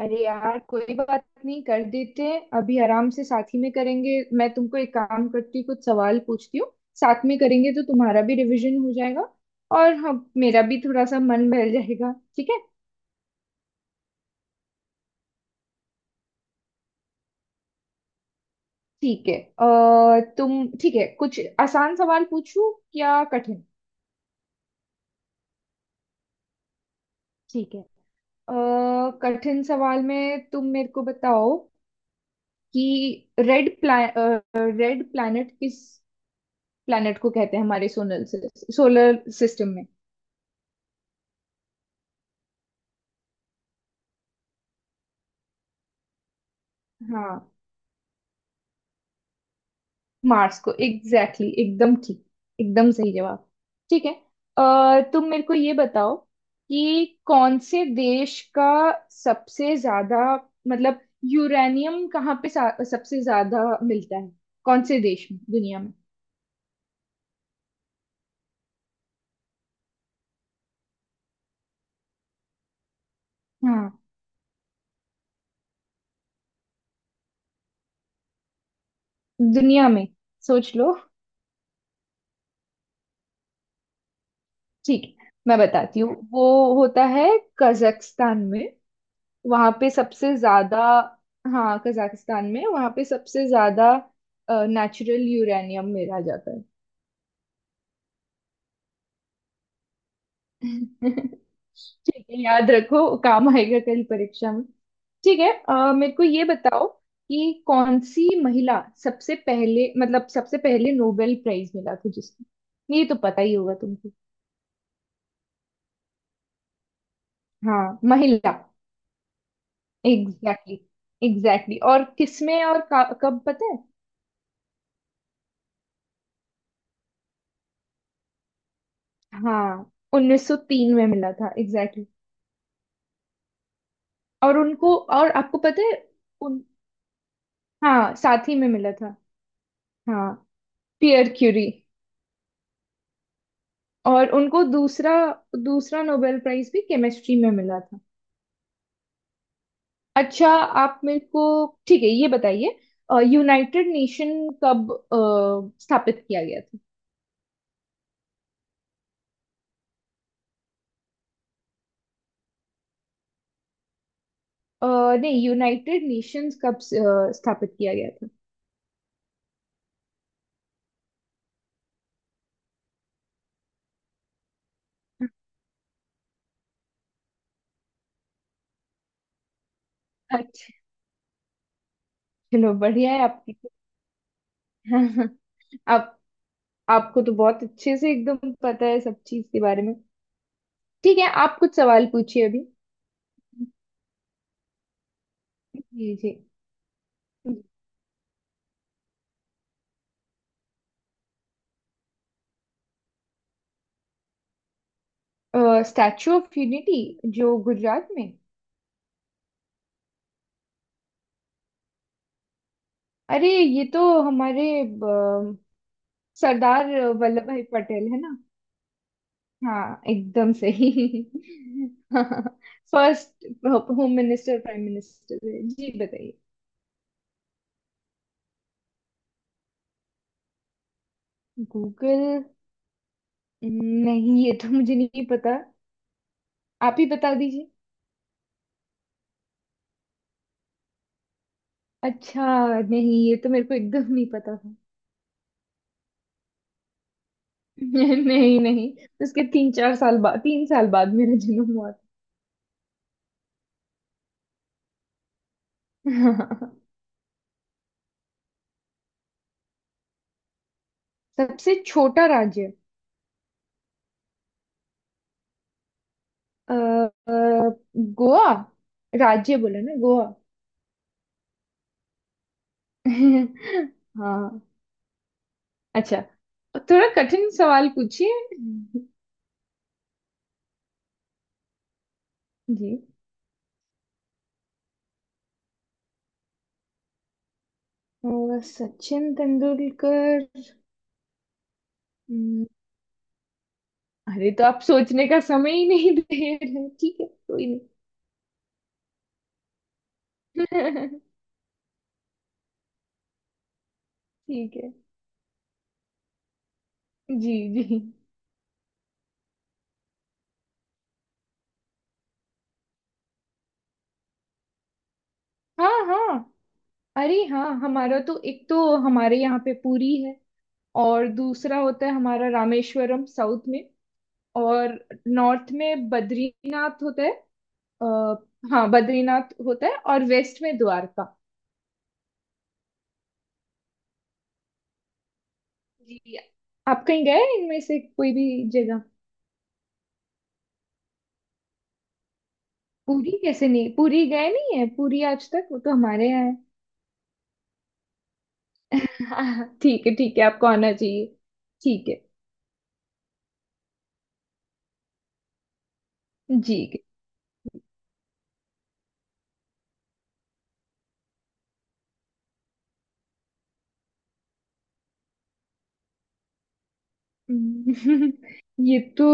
अरे यार, कोई बात नहीं। कर देते हैं अभी आराम से, साथ ही में करेंगे। मैं तुमको एक काम करती हूँ, कुछ सवाल पूछती हूँ। साथ में करेंगे तो तुम्हारा भी रिवीजन हो जाएगा। और हाँ, मेरा भी थोड़ा सा मन बहल जाएगा। ठीक है। ठीक है। तुम ठीक है, कुछ आसान सवाल पूछूं या कठिन। ठीक है। अ, कठिन सवाल में तुम मेरे को बताओ कि रेड प्लैनेट किस प्लैनेट को कहते हैं हमारे सोलर सोलर सिस्टम में। हाँ। मार्स को, एग्जैक्टली एकदम ठीक। एकदम सही जवाब। ठीक है। तुम मेरे को ये बताओ कि कौन से देश का सबसे ज्यादा, मतलब यूरेनियम कहाँ पे सबसे ज्यादा मिलता है, कौन से देश में, दुनिया में। हाँ, दुनिया में, सोच लो। ठीक है, मैं बताती हूँ। वो होता है कजाकिस्तान में। वहां पे सबसे ज्यादा। हाँ, कजाकिस्तान में, वहां पे सबसे ज्यादा नेचुरल यूरेनियम मिला जाता है। ठीक है, याद रखो, काम आएगा कल परीक्षा में। ठीक है, मेरे को ये बताओ कि कौन सी महिला सबसे पहले, मतलब सबसे पहले नोबेल प्राइज मिला था जिसको। ये तो पता ही होगा तुमको। हाँ, महिला। एग्जैक्टली। एग्जैक्टली। और किसमें और कब पता है। हाँ, 1903 में मिला था, एग्जैक्टली। और उनको, और आपको पता है? उन, हाँ, साथ ही में मिला था। हाँ, पियर क्यूरी। और उनको दूसरा, दूसरा नोबेल प्राइज भी केमिस्ट्री में मिला था। अच्छा, आप मेरे को, ठीक है, ये बताइए, यूनाइटेड नेशन कब स्थापित किया गया था। नहीं, यूनाइटेड नेशंस कब स्थापित किया गया था। अच्छा। चलो, बढ़िया है आपकी। आप, आपको तो बहुत अच्छे से एकदम पता है सब चीज के बारे में। ठीक है, आप कुछ सवाल पूछिए अभी। जी, जी। स्टैचू ऑफ यूनिटी, जो गुजरात में। अरे, ये तो हमारे, ब- सरदार वल्लभ भाई पटेल है ना। हाँ, एकदम सही। First home minister, prime minister. जी, बताइए। गूगल, नहीं ये तो मुझे नहीं पता। आप ही बता दीजिए। अच्छा, नहीं ये तो मेरे को एकदम नहीं पता था। नहीं, नहीं, उसके तीन चार साल बाद, तीन साल बाद मेरा जन्म हुआ। था। सबसे छोटा राज्य। अ, अ, गोवा। राज्य बोला ना, गोवा। हाँ। अच्छा, थोड़ा कठिन सवाल पूछिए। जी। सचिन तेंदुलकर। हम्म। अरे, तो आप सोचने का समय ही नहीं दे रहे। ठीक है, कोई नहीं। ठीक है। जी, जी। हाँ, हाँ। अरे हाँ, हमारा तो एक तो हमारे यहाँ पे पुरी है। और दूसरा होता है हमारा रामेश्वरम साउथ में। और नॉर्थ में बद्रीनाथ होता है। आ, हाँ, बद्रीनाथ होता है, और वेस्ट में द्वारका। जी। आप कहीं गए हैं इनमें से कोई भी जगह? पूरी कैसे नहीं? पूरी गए नहीं है? पूरी आज तक, वो तो हमारे यहाँ है। ठीक है, ठीक है, आपको आना चाहिए। ठीक है। जी। हम्म। ये तो,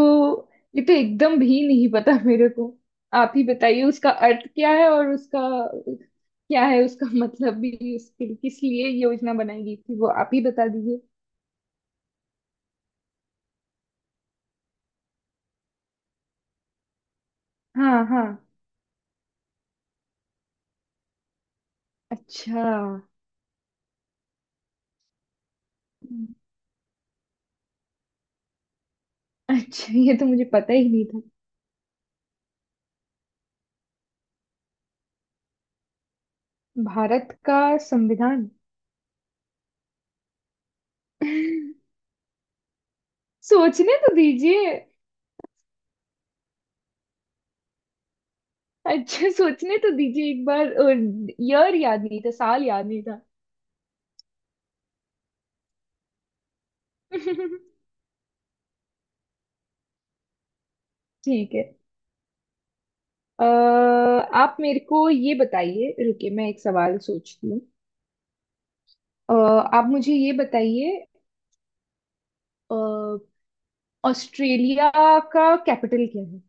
ये तो एकदम भी नहीं पता मेरे को। आप ही बताइए, उसका अर्थ क्या है, और उसका क्या है, उसका मतलब भी, उसके किस लिए योजना बनाई गई थी वो आप ही बता दीजिए। हाँ, हाँ। अच्छा। अच्छा, ये तो मुझे पता ही नहीं था। भारत का संविधान। सोचने तो दीजिए। अच्छा, सोचने तो दीजिए एक बार। ईयर याद नहीं था, साल याद नहीं था। ठीक है। अ, आप मेरे को ये बताइए, रुकिए मैं एक सवाल सोचती हूँ। अ, आप मुझे ये बताइए, अ, ऑस्ट्रेलिया का कैपिटल क्या है।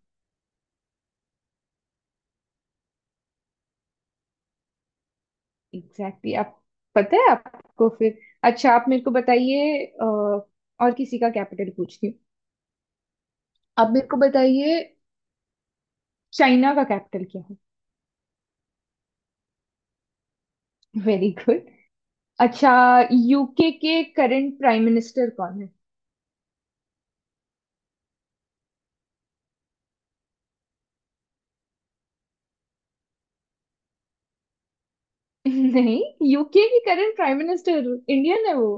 एग्जैक्टली आप, पता है आपको फिर। अच्छा, आप मेरे को बताइए, और किसी का कैपिटल पूछती हूँ। आप मेरे को बताइए, चाइना का कैपिटल क्या है। Very good. अच्छा, यूके के करंट प्राइम मिनिस्टर कौन है? नहीं, यूके की करंट प्राइम मिनिस्टर इंडियन है वो।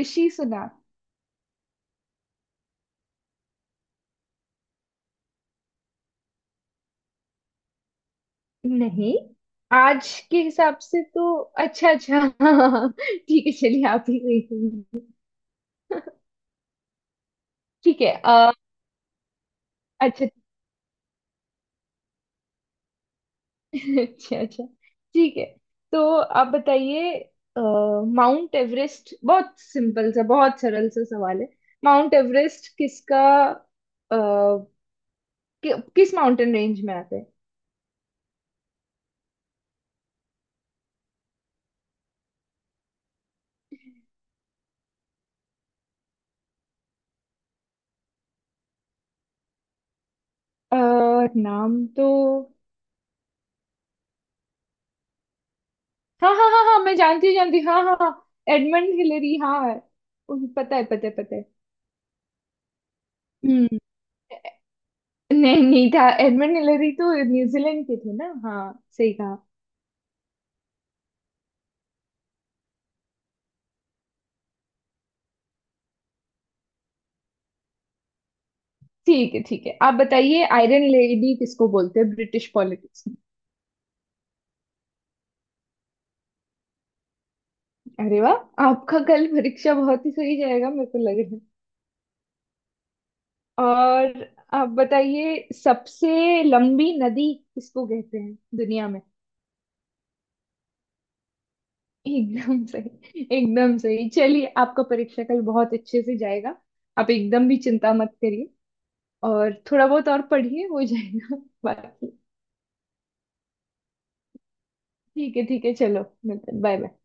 ऋषि सुनक। नहीं, आज के हिसाब से तो। अच्छा, अच्छा। हाँ, ठीक है, चलिए आप ही गई होंगी। ठीक है, अच्छा, अच्छा, अच्छा, ठीक है। तो आप बताइए, अ, माउंट एवरेस्ट, बहुत सिंपल सा, बहुत सरल सा सवाल है। माउंट एवरेस्ट किसका, अ, किस माउंटेन रेंज में आता है? अ, नाम तो, हाँ हाँ हाँ हाँ, मैं जानती हूँ, जानती हूँ, हाँ हाँ हाँ, एडमंड हिलरी, हाँ हाँ, पता है, पता है, पता है। हम्म। नहीं, नहीं था, एडमंड हिलरी तो न्यूजीलैंड के थे ना। हाँ, सही कहा। ठीक है, ठीक है। आप बताइए, आयरन लेडी किसको बोलते हैं ब्रिटिश पॉलिटिक्स में? अरे वाह, आपका कल परीक्षा बहुत ही सही जाएगा, मेरे को लग रहा है। और आप बताइए, सबसे लंबी नदी किसको कहते हैं दुनिया में? एकदम सही, एकदम सही। चलिए, आपका परीक्षा कल बहुत अच्छे से जाएगा, आप एकदम भी चिंता मत करिए, और थोड़ा बहुत और पढ़िए, हो जाएगा। बाकी ठीक है, ठीक है, चलो मिलते हैं, बाय बाय।